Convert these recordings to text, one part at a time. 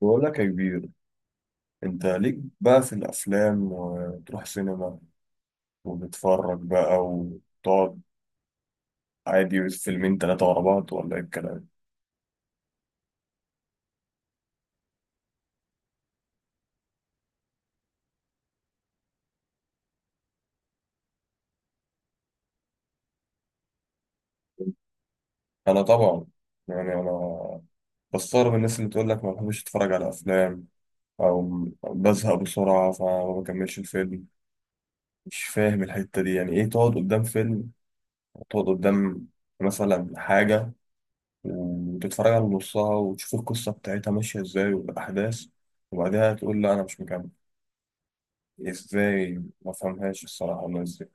بقول لك يا كبير. انت ليك بقى في الافلام وتروح سينما وتتفرج بقى وتقعد عادي، فيلمين ثلاثه ورا بعض ولا ايه الكلام؟ انا طبعا يعني انا بستغرب الناس اللي تقول لك ما بحبش اتفرج على افلام او بزهق بسرعه فما بكملش الفيلم. مش فاهم الحته دي، يعني ايه تقعد قدام فيلم، تقعد قدام مثلا حاجه وتتفرج على نصها وتشوف القصه بتاعتها ماشيه ازاي والاحداث وبعدها تقول لا انا مش مكمل؟ ازاي ما فهمهاش الصراحة الناس دي.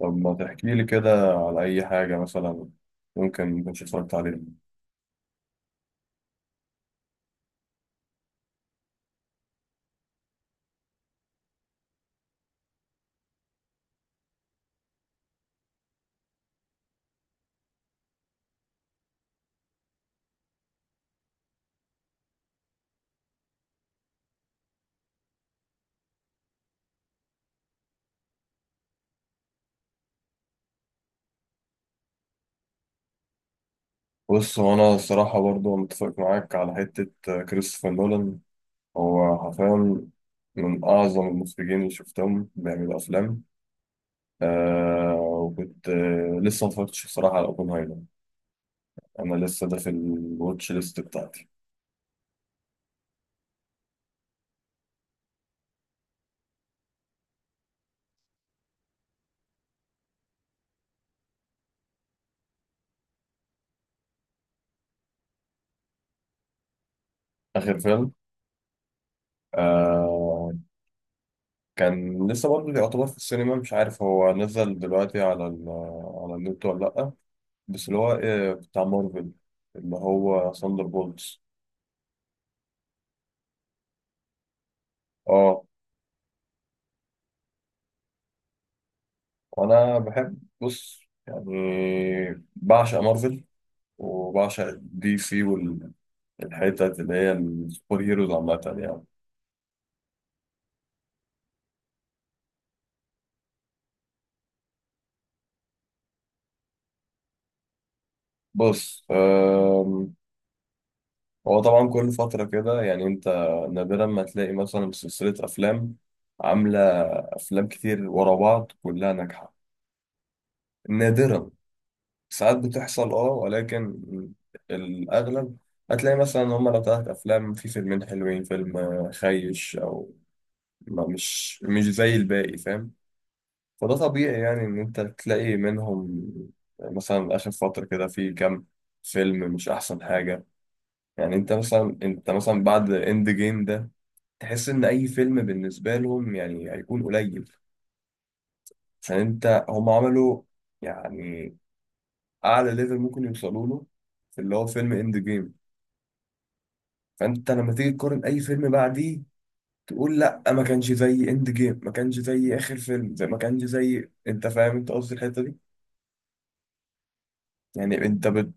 طب ما تحكي لي كده على أي حاجة مثلا ممكن ما كنتش اتفرجت عليها. بص، هو أنا الصراحة برضو متفق معاك على حتة كريستوفر نولان. هو حرفيا من أعظم المخرجين اللي شفتهم بيعملوا أفلام. وكنت لسه ما اتفرجتش الصراحة على أوبنهايمر. أنا لسه ده في الواتش ليست بتاعتي. آخر فيلم، آه كان لسه برضه يعتبر في السينما، مش عارف هو نزل دلوقتي على على النت ولا لأ، بس اللي هو إيه بتاع مارفل، اللي هو ثاندر بولتس. اه، وأنا بحب بص يعني بعشق مارفل وبعشق دي سي والحتت اللي هي السوبر هيروز عامة يعني. بص، هو طبعا كل فترة كده يعني أنت نادرا ما تلاقي مثلا سلسلة أفلام عاملة أفلام كتير ورا بعض كلها ناجحة. نادرا، ساعات بتحصل اه، ولكن الأغلب هتلاقي مثلا إن هما لو تلات أفلام في فيلمين حلوين فيلم خيش، أو ما مش زي الباقي، فاهم؟ فده طبيعي يعني إن أنت تلاقي منهم مثلا آخر فترة كده في كام فيلم مش أحسن حاجة. يعني أنت مثلا، أنت مثلا بعد إند جيم ده تحس إن أي فيلم بالنسبة لهم يعني هيكون قليل، عشان أنت هما عملوا يعني اعلى ليفل ممكن يوصلوا له في اللي هو فيلم اند جيم. فانت لما تيجي تقارن اي فيلم بعديه تقول لا ما كانش زي اند جيم، ما كانش زي اخر فيلم زي ما كانش زي، انت فاهم انت قصدي الحته دي. يعني انت بت...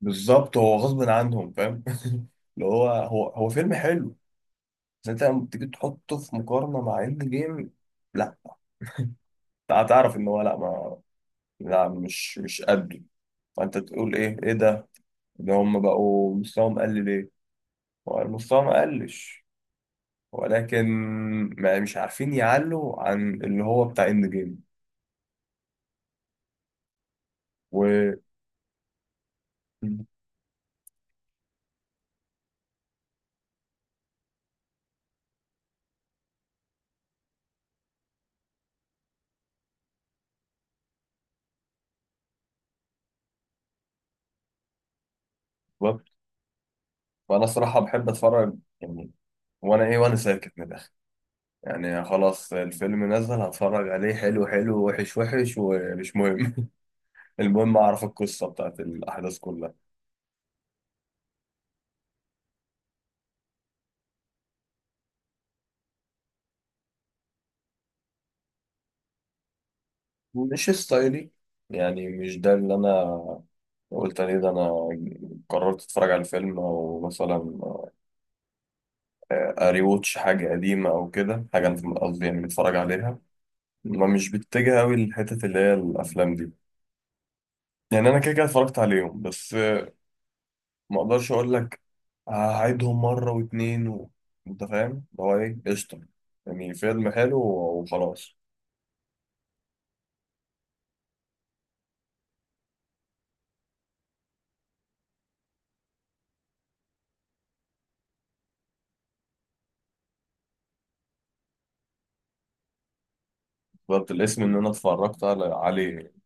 بالظبط، هو غصب عنهم فاهم. اللي هو هو فيلم حلو بس انت لما تيجي تحطه في مقارنه مع اند جيم، لا هتعرف ان هو لا، ما لا مش قده. فانت تقول ايه، ايه ده؟ ده هم بقوا مستواهم قل ليه؟ هو مستواهم ما قلش ولكن ما مش عارفين يعلوا عن اللي هو بتاع اند جيم. و... وانا الصراحه بحب اتفرج يعني، وانا ايه وانا ساكت من الاخر يعني خلاص الفيلم نزل هتفرج عليه، حلو حلو، وحش وحش ومش مهم. المهم اعرف القصه بتاعت الاحداث كلها. مش ستايلي، يعني مش ده اللي انا قلت عليه. ده انا قررت اتفرج على فيلم او مثلا اريوتش حاجه قديمه او كده، حاجه انا قصدي يعني متفرج عليها، ما مش بتتجه قوي للحتت اللي هي الافلام دي. يعني انا كده كده اتفرجت عليهم بس ما اقدرش اقول لك هعيدهم مره واتنين انت فاهم اللي هو ايه، قشطه، يعني فيلم حلو وخلاص. بالظبط، الاسم ان انا اتفرجت عليه يعني.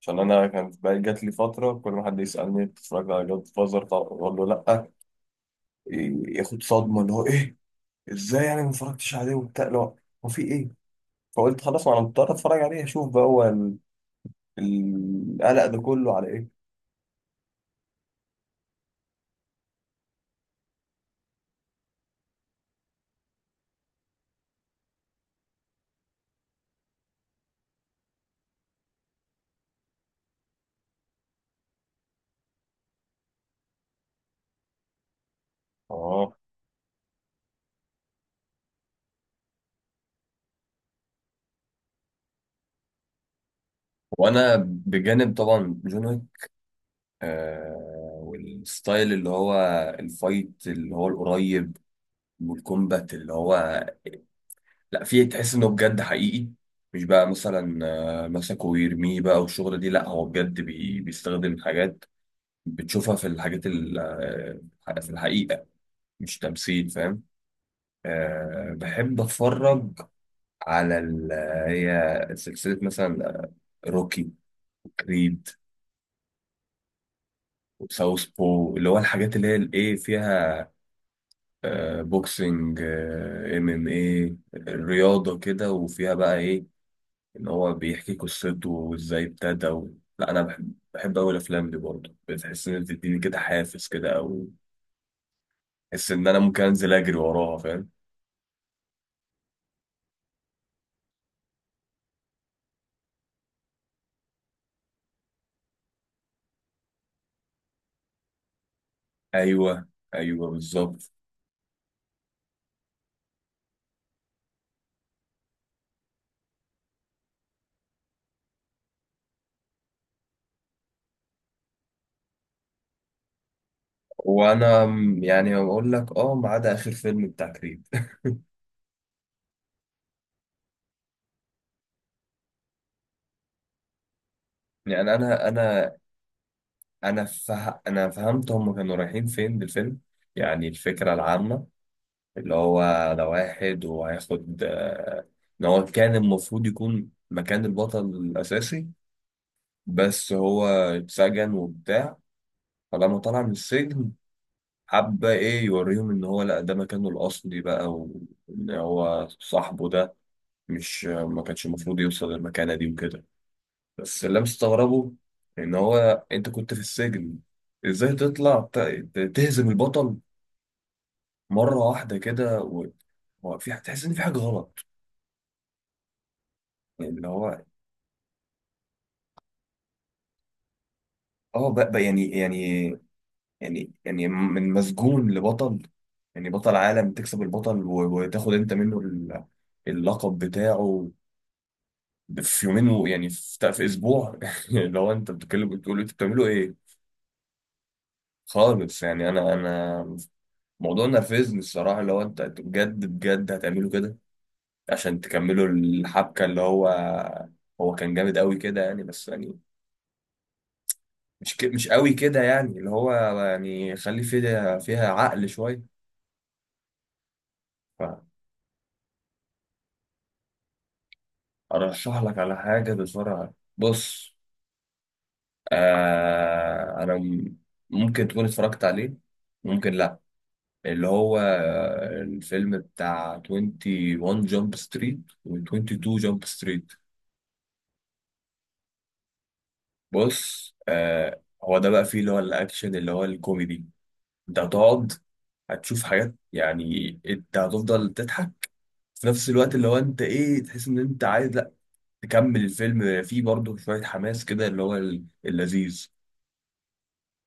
عشان انا كانت بقى جات لي فتره كل ما حد يسالني اتفرجت على جاد فازر اقول له لا. ياخد صدمه اللي هو ايه، ازاي يعني ما اتفرجتش عليه وبتاع، لا هو هو في ايه. فقلت خلاص ما انا مضطر اتفرج عليه اشوف بقى هو القلق ده كله على ايه. اه، وانا بجانب طبعا جون ويك، والستايل اللي هو الفايت اللي هو القريب والكومبات اللي هو لا فيه، تحس انه بجد حقيقي، مش بقى مثلا مسكه ويرميه بقى والشغل دي، لا هو بجد بيستخدم حاجات بتشوفها في الحاجات في الحقيقة، مش تمثيل فاهم. أه بحب اتفرج على هي سلسلة مثلا روكي، كريد، وساوث بو اللي هو الحاجات اللي هي الايه فيها بوكسنج. ام ام ايه، رياضة كده وفيها بقى ايه، ان هو بيحكي قصته وازاي ابتدى لا انا بحب اوي الافلام دي برضه، بتحس ان بتديني كده حافز كده او بحس ان انا ممكن انزل اجري وراها فاهم. ايوه ايوه بالظبط. وانا يعني بقول لك اه ما عدا اخر فيلم بتاع كريد. يعني انا فهمت هم كانوا رايحين فين بالفيلم. يعني الفكرة العامة اللي هو ده واحد وهياخد، ان هو كان المفروض يكون مكان البطل الاساسي بس هو اتسجن وبتاع. فلما طلع من السجن حب ايه يوريهم ان هو لا ده مكانه الاصلي بقى، وان هو صاحبه ده مش ما كانش المفروض يوصل للمكانه دي وكده. بس اللي مستغربه ان هو انت كنت في السجن ازاي تطلع تهزم البطل مره واحده كده هو في هتحس ان في حاجه غلط يعني اللي هو. اه بقى يعني من مسجون لبطل، يعني بطل عالم تكسب البطل وتاخد انت منه اللقب بتاعه في يومين يعني في، في اسبوع. لو انت بتتكلم بتقول انتوا بتعملوا ايه؟ خالص يعني، انا موضوع نرفزني الصراحه لو انت أنتوا بجد بجد هتعملوا كده عشان تكملوا الحبكه اللي هو هو كان جامد قوي كده يعني، بس يعني مش مش قوي كده يعني اللي هو، يعني خلي فيها عقل شويه. ارشح لك على حاجه بسرعه، بص انا ممكن تكون اتفرجت عليه، ممكن لا، اللي هو الفيلم بتاع 21 جامب ستريت و22 جامب ستريت. بص آه، هو ده بقى فيه اللي هو الاكشن اللي هو الكوميدي، انت هتقعد هتشوف حاجات يعني انت هتفضل تضحك في نفس الوقت اللي هو انت ايه تحس ان انت عايز لا تكمل الفيلم، فيه برضه شويه حماس كده اللي هو اللذيذ،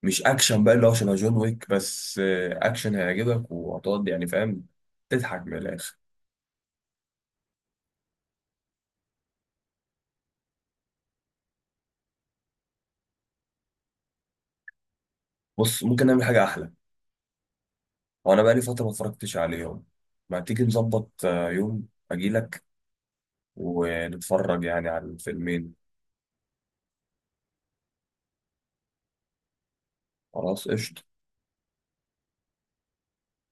مش اكشن بقى اللي هو شبه جون ويك بس اكشن هيعجبك وهتقعد يعني فاهم تضحك من الاخر. بص ممكن نعمل حاجه احلى. وانا بقى لي فتره ما اتفرجتش عليهم، ما تيجي نظبط يوم اجيلك ونتفرج يعني على الفيلمين. خلاص قشطه.